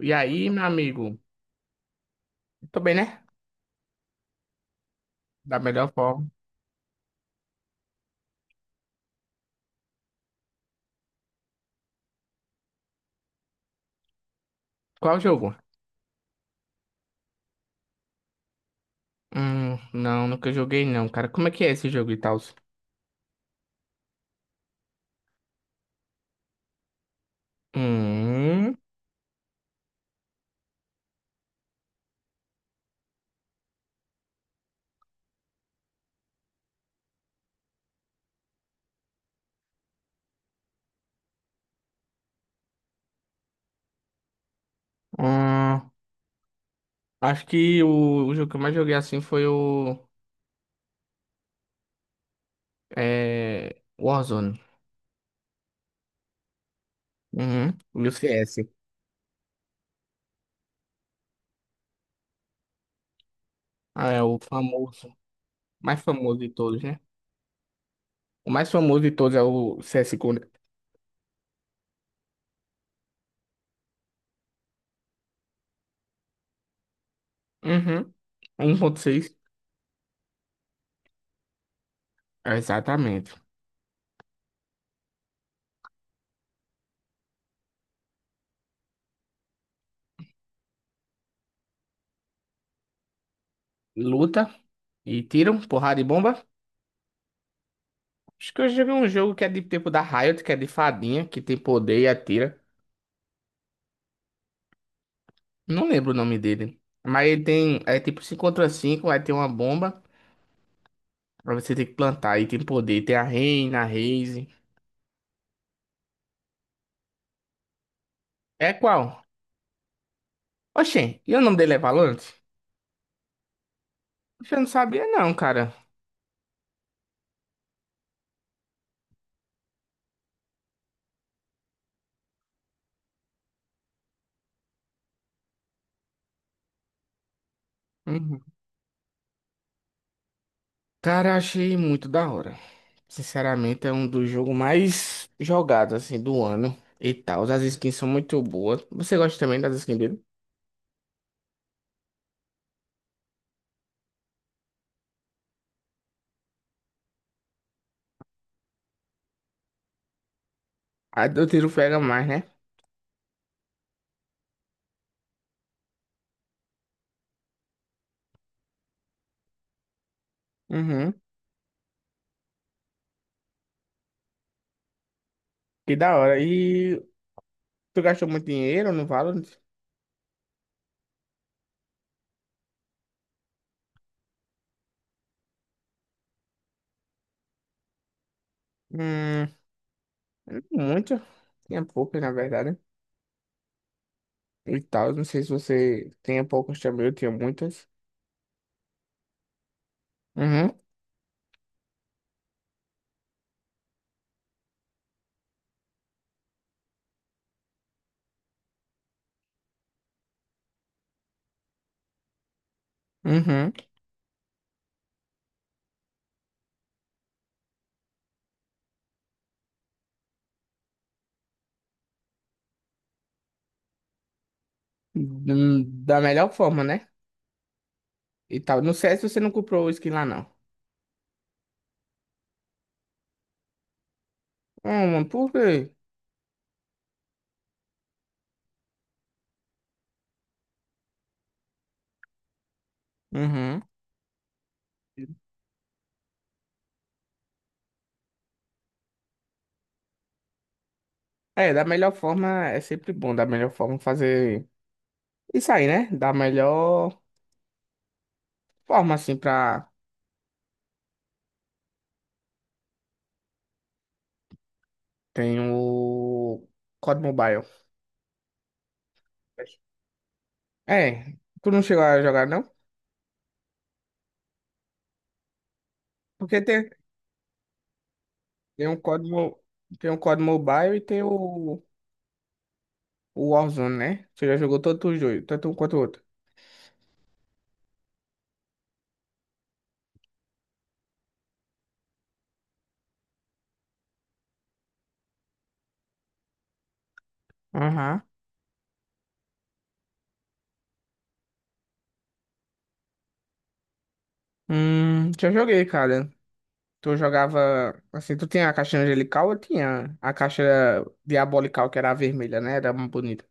E aí, meu amigo? Tô bem, né? Da melhor forma. Qual jogo? Não, nunca joguei não, cara. Como é que é esse jogo e tal? Hum, hum, Acho que o jogo que eu mais joguei assim foi o Warzone. Uhum, e o CS. Ah, é o famoso. Mais famoso de todos, né? O mais famoso de todos é o CSGO, né? Uhum, 1.6. Exatamente. Luta e tiro, porrada e bomba. Acho que eu joguei um jogo que é de tipo da Riot, que é de fadinha, que tem poder e atira. Não lembro o nome dele. Mas ele tem. É tipo 5 contra 5, aí tem uma bomba. Pra você ter que plantar, aí tem poder. Tem a Reina, a Raze. É qual? Oxê, e o nome dele é Valorant? Oxe, eu não sabia, não, cara. Uhum. Cara, achei muito da hora. Sinceramente, é um dos jogos mais jogados, assim, do ano. E tal. As skins são muito boas. Você gosta também das skins dele? A do tiro pega mais, né? Uhum. Que da hora. E tu gastou muito dinheiro no Valorant? Hum, Muito. Tinha poucas, na verdade. E tal. Não sei se você tinha poucas também, eu tinha muitas. Uhum, uhum. Da melhor forma, né? E tal. No CS você não comprou o skin lá, não. Mano, por quê? Uhum. É, da melhor forma é sempre bom. Da melhor forma fazer isso aí, né? Da melhor forma, assim, pra. Tem o COD Mobile. É, tu não chegou a jogar, não? Porque tem Tem um COD, mo- tem um COD Mobile e tem o Warzone, né? Você já jogou todos os dois, tanto um quanto o outro. Aham. Já joguei, cara. Tu jogava, assim, tu tinha a caixa angelical, eu tinha a caixa diabolical, que era a vermelha, né? Era muito bonita.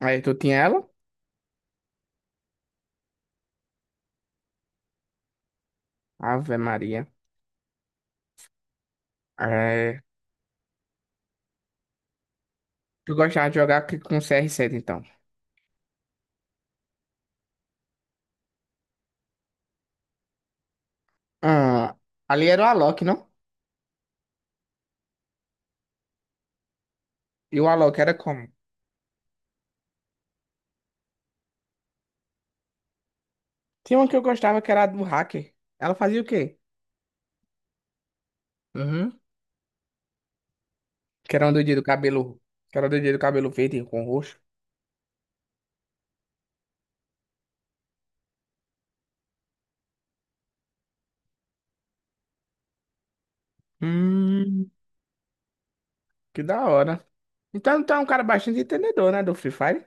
Aí tu tinha ela? Ave Maria. É... Tu gostava de jogar com CR7 então. Ah, ali era o Alok, não? E o Alok era como? Tinha uma que eu gostava que era a do hacker. Ela fazia o quê? Que era uma doidinha do cabelo. Que era uma doidinha do cabelo verde com roxo. Hum, Que da hora. Então tu é um cara bastante entendedor, né, do Free Fire?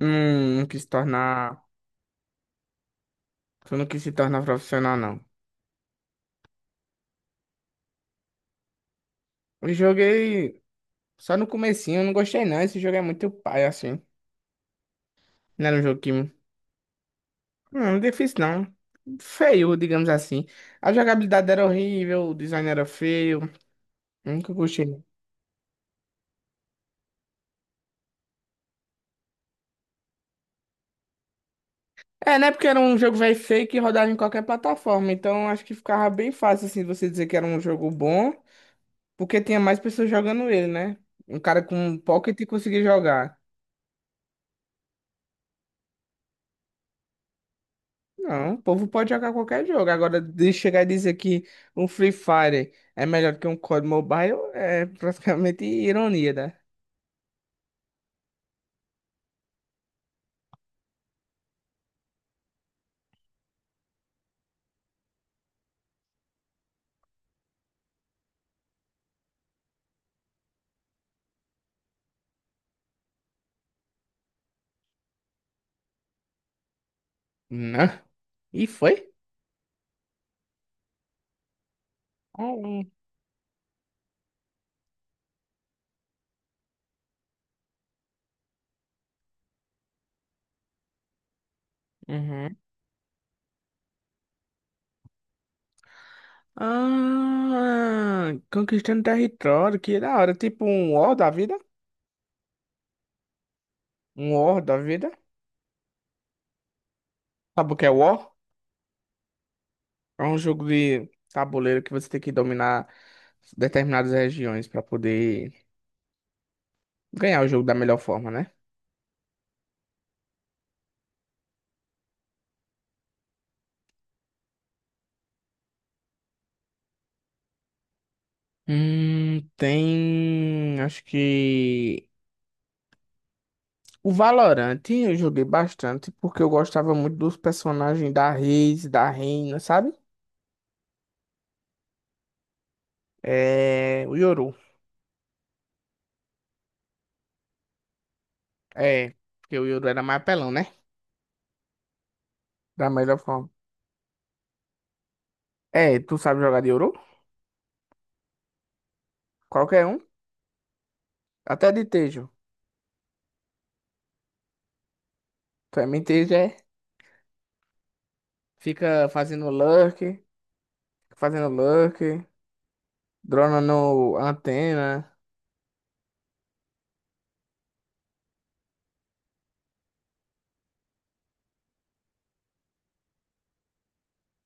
Não quis se tornar. Tu não quis se tornar profissional, não. Eu joguei só no comecinho, eu não gostei não. Esse jogo é muito pai, assim. Não era um jogo que. Não, é difícil não. Feio, digamos assim. A jogabilidade era horrível, o design era feio. Nunca gostei. É, né? Porque era um jogo velho feio que rodava em qualquer plataforma. Então acho que ficava bem fácil, assim, você dizer que era um jogo bom, porque tinha mais pessoas jogando ele, né? Um cara com um pocket conseguir jogar. Não, o povo pode jogar qualquer jogo. Agora, de chegar e dizer que um Free Fire é melhor que um COD Mobile é praticamente ironia, né? Não. E foi? Ah, é. Uhum. Ah, conquistando território, que da hora. Tipo um War da vida? Um War da vida? Sabe o que é War? É um jogo de tabuleiro que você tem que dominar determinadas regiões pra poder ganhar o jogo da melhor forma, né? Tem. Acho que. O Valorant eu joguei bastante porque eu gostava muito dos personagens da Reis, da Reina, sabe? É. O Yoru. É. Porque o Yoru era mais apelão, né? Da melhor forma. É, tu sabe jogar de Yoru? Qualquer um. Até de Tejo. Tu é Tejo, é. Fica fazendo lurk, fazendo lurker, dronando antena,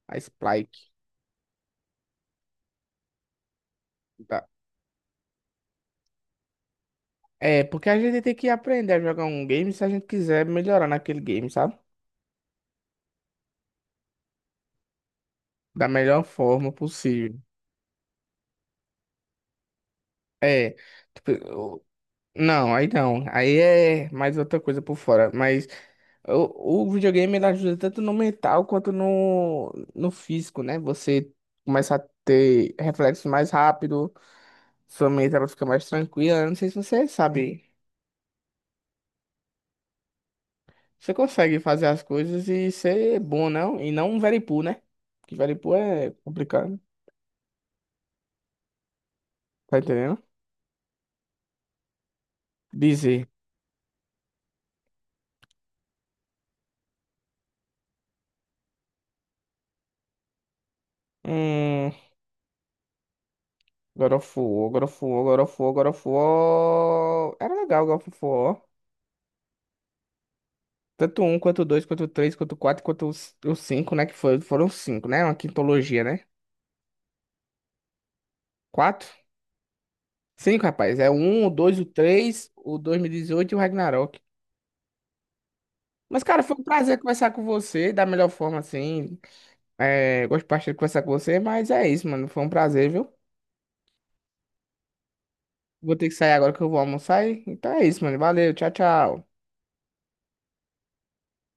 a spike. Tá. É, porque a gente tem que aprender a jogar um game se a gente quiser melhorar naquele game, sabe? Da melhor forma possível. É, tipo, não, aí não. Aí é mais outra coisa por fora. Mas o videogame ele ajuda tanto no mental quanto no físico, né? Você começa a ter reflexos mais rápido, sua mente ela fica mais tranquila. Eu não sei se você sabe. Você consegue fazer as coisas e ser bom, não? E não um veripu, né? Que veripu é complicado, tá entendendo? Dizer, hum, God of War, God of War, God of War, God of War. Era legal God of War. Tanto um, quanto dois, quanto três, quanto quatro, quanto os cinco, né? Que foram cinco, né? Uma quintologia, né? Quatro? Cinco, rapaz. É o um, o dois, o três, o 2018 e dezoito e o Ragnarok. Mas, cara, foi um prazer conversar com você da melhor forma, assim. É, gosto bastante de conversar com você, mas é isso, mano. Foi um prazer, viu? Vou ter que sair agora que eu vou almoçar. Então é isso, mano. Valeu, tchau, tchau.